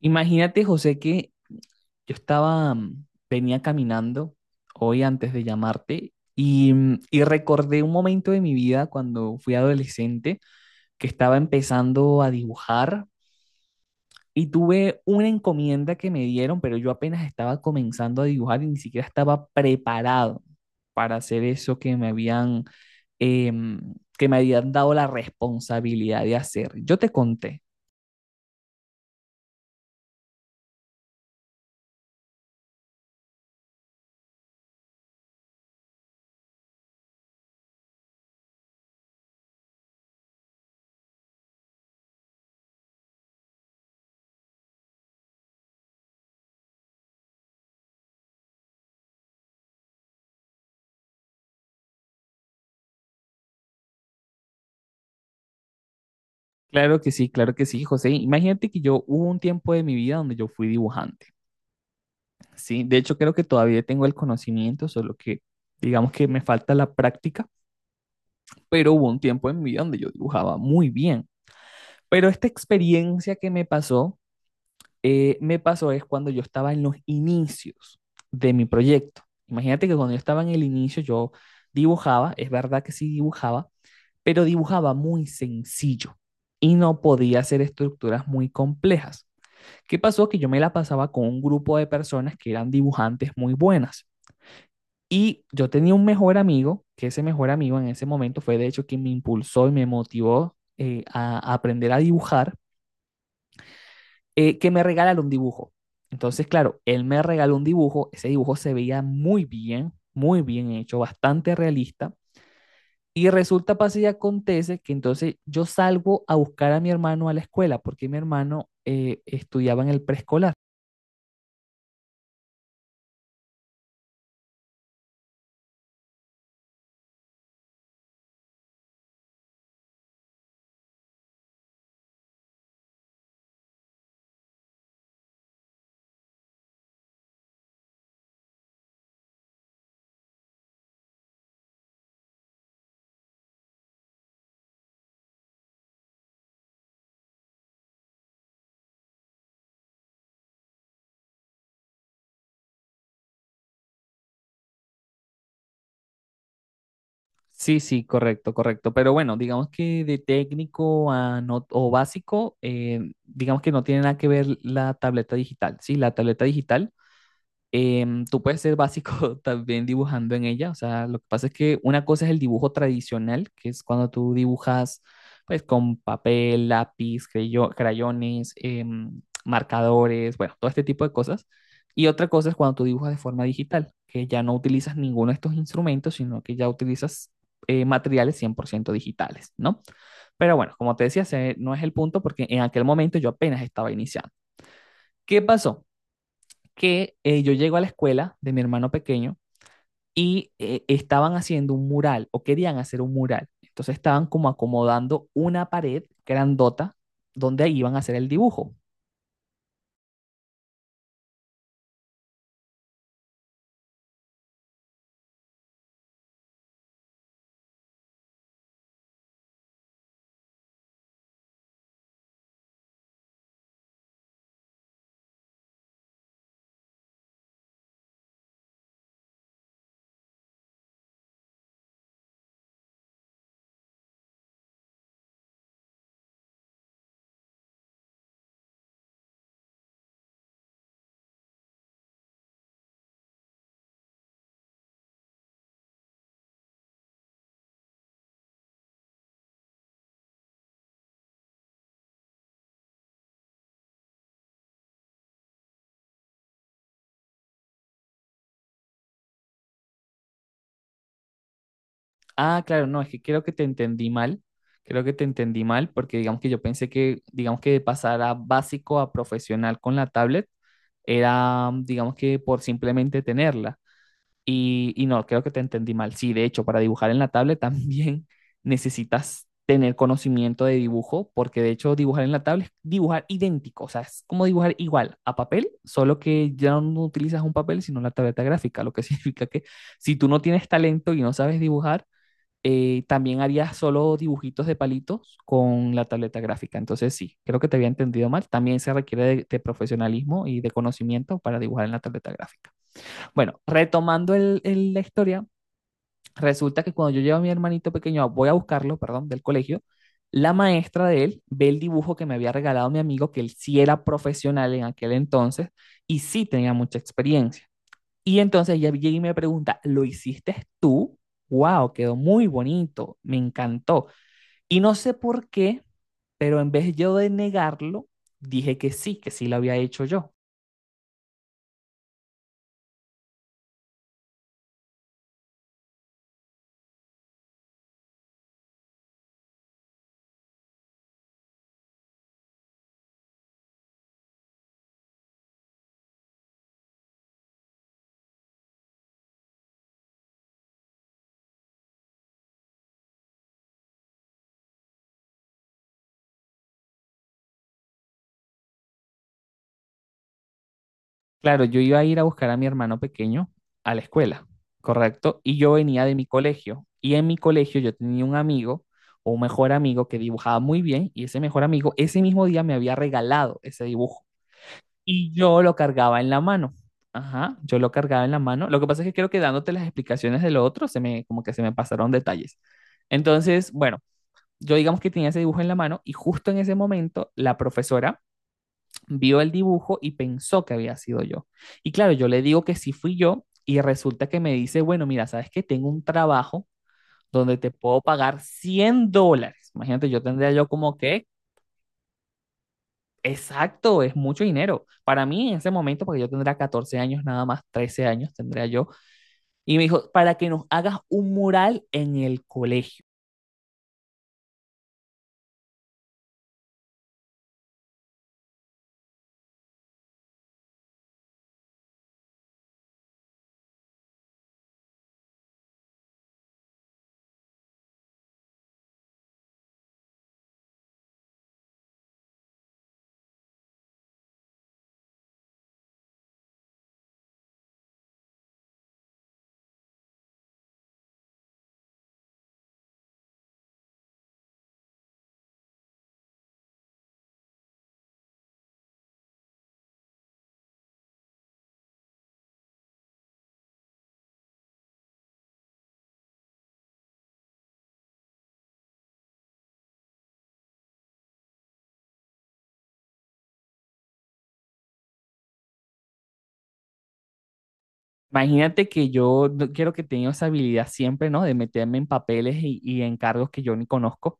Imagínate, José, que yo estaba, venía caminando hoy antes de llamarte y recordé un momento de mi vida cuando fui adolescente que estaba empezando a dibujar y tuve una encomienda que me dieron, pero yo apenas estaba comenzando a dibujar y ni siquiera estaba preparado para hacer eso em, que me habían dado la responsabilidad de hacer. Yo te conté. Claro que sí, José. Imagínate que yo hubo un tiempo de mi vida donde yo fui dibujante, ¿sí? De hecho, creo que todavía tengo el conocimiento, solo que digamos que me falta la práctica, pero hubo un tiempo en mi vida donde yo dibujaba muy bien. Pero esta experiencia que me pasó es cuando yo estaba en los inicios de mi proyecto. Imagínate que cuando yo estaba en el inicio, yo dibujaba, es verdad que sí dibujaba, pero dibujaba muy sencillo y no podía hacer estructuras muy complejas. ¿Qué pasó? Que yo me la pasaba con un grupo de personas que eran dibujantes muy buenas. Y yo tenía un mejor amigo, que ese mejor amigo en ese momento fue de hecho quien me impulsó y me motivó a aprender a dibujar, que me regalara un dibujo. Entonces, claro, él me regaló un dibujo, ese dibujo se veía muy bien hecho, bastante realista. Y resulta, pasa y acontece que entonces yo salgo a buscar a mi hermano a la escuela, porque mi hermano estudiaba en el preescolar. Sí, sí, correcto, correcto. Pero bueno, digamos que de técnico a no, o básico, digamos que no tiene nada que ver la tableta digital. Sí, la tableta digital. Tú puedes ser básico también dibujando en ella, o sea, lo que pasa es que una cosa es el dibujo tradicional, que es cuando tú dibujas pues con papel, lápiz, crayones, marcadores, bueno, todo este tipo de cosas. Y otra cosa es cuando tú dibujas de forma digital, que ya no utilizas ninguno de estos instrumentos, sino que ya utilizas materiales 100% digitales, ¿no? Pero bueno, como te decía, ese no es el punto porque en aquel momento yo apenas estaba iniciando. ¿Qué pasó? Que yo llego a la escuela de mi hermano pequeño y estaban haciendo un mural o querían hacer un mural. Entonces estaban como acomodando una pared grandota donde iban a hacer el dibujo. Ah, claro, no, es que creo que te entendí mal. Creo que te entendí mal porque digamos que yo pensé que, digamos que de pasar a básico a profesional con la tablet era, digamos que por simplemente tenerla. Y no, creo que te entendí mal. Sí, de hecho, para dibujar en la tablet también necesitas tener conocimiento de dibujo, porque de hecho dibujar en la tablet es dibujar idéntico, o sea, es como dibujar igual a papel, solo que ya no utilizas un papel, sino la tableta gráfica, lo que significa que si tú no tienes talento y no sabes dibujar, también harías solo dibujitos de palitos con la tableta gráfica. Entonces sí, creo que te había entendido mal. También se requiere de profesionalismo y de conocimiento para dibujar en la tableta gráfica. Bueno, retomando la historia, resulta que cuando yo llevo a mi hermanito pequeño, voy a buscarlo, perdón, del colegio, la maestra de él ve el dibujo que me había regalado mi amigo, que él sí era profesional en aquel entonces y sí tenía mucha experiencia. Y entonces ella llega y me pregunta, ¿lo hiciste tú? ¡Wow! Quedó muy bonito, me encantó. Y no sé por qué, pero en vez yo de negarlo, dije que sí lo había hecho yo. Claro, yo iba a ir a buscar a mi hermano pequeño a la escuela, ¿correcto? Y yo venía de mi colegio. Y en mi colegio yo tenía un amigo, o un mejor amigo, que dibujaba muy bien. Y ese mejor amigo, ese mismo día me había regalado ese dibujo. Y yo lo cargaba en la mano. Ajá, yo lo cargaba en la mano. Lo que pasa es que creo que dándote las explicaciones de lo otro, se me, como que se me pasaron detalles. Entonces, bueno, yo digamos que tenía ese dibujo en la mano y justo en ese momento la profesora vio el dibujo y pensó que había sido yo. Y claro, yo le digo que sí fui yo y resulta que me dice, bueno, mira, sabes que tengo un trabajo donde te puedo pagar $100. Imagínate, yo tendría yo como que, exacto, es mucho dinero. Para mí en ese momento, porque yo tendría 14 años nada más, 13 años tendría yo. Y me dijo, para que nos hagas un mural en el colegio. Imagínate que yo quiero que tenga esa habilidad siempre, ¿no? De meterme en papeles y en cargos que yo ni conozco.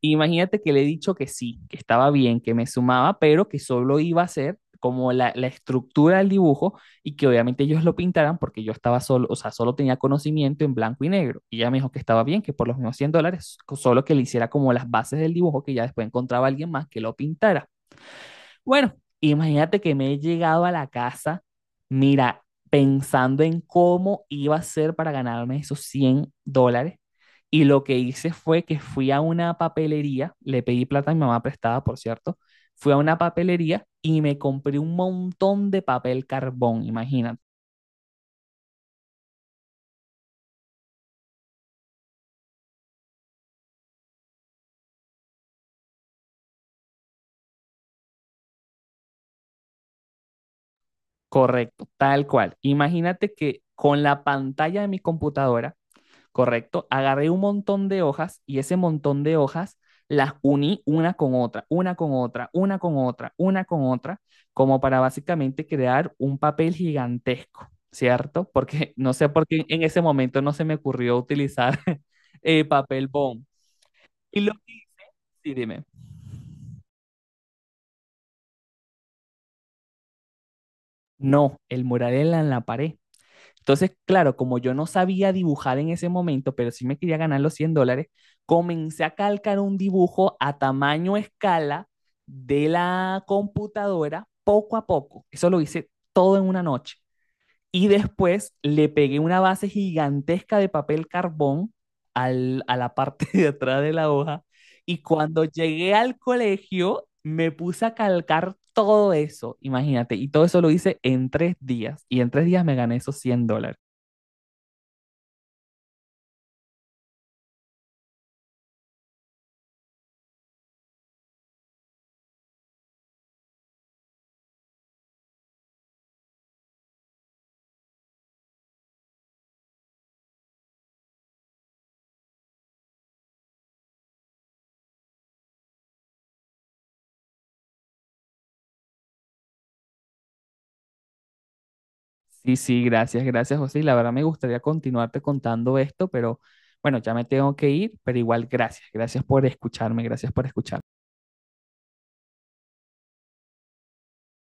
Imagínate que le he dicho que sí, que estaba bien, que me sumaba, pero que solo iba a ser como la estructura del dibujo y que obviamente ellos lo pintaran porque yo estaba solo, o sea, solo tenía conocimiento en blanco y negro. Y ella me dijo que estaba bien, que por los mismos $100, solo que le hiciera como las bases del dibujo, que ya después encontraba a alguien más que lo pintara. Bueno, imagínate que me he llegado a la casa, mira, pensando en cómo iba a ser para ganarme esos $100. Y lo que hice fue que fui a una papelería, le pedí plata a mi mamá prestada, por cierto, fui a una papelería y me compré un montón de papel carbón, imagínate. Correcto, tal cual. Imagínate que con la pantalla de mi computadora. ¿Correcto? Agarré un montón de hojas y ese montón de hojas las uní una con otra, una con otra, una con otra, una con otra, como para básicamente crear un papel gigantesco, ¿cierto? Porque no sé por qué en ese momento no se me ocurrió utilizar papel bond. Y lo que... Sí, dime. No, el mural era en la pared. Entonces, claro, como yo no sabía dibujar en ese momento, pero sí me quería ganar los $100, comencé a calcar un dibujo a tamaño escala de la computadora poco a poco. Eso lo hice todo en una noche. Y después le pegué una base gigantesca de papel carbón a la parte de atrás de la hoja. Y cuando llegué al colegio, me puse a calcar todo eso, imagínate. Y todo eso lo hice en 3 días. Y en 3 días me gané esos $100. Sí, sí, gracias, gracias, José. Y la verdad me gustaría continuarte contando esto, pero bueno, ya me tengo que ir, pero igual gracias, gracias por escucharme, gracias por escucharme.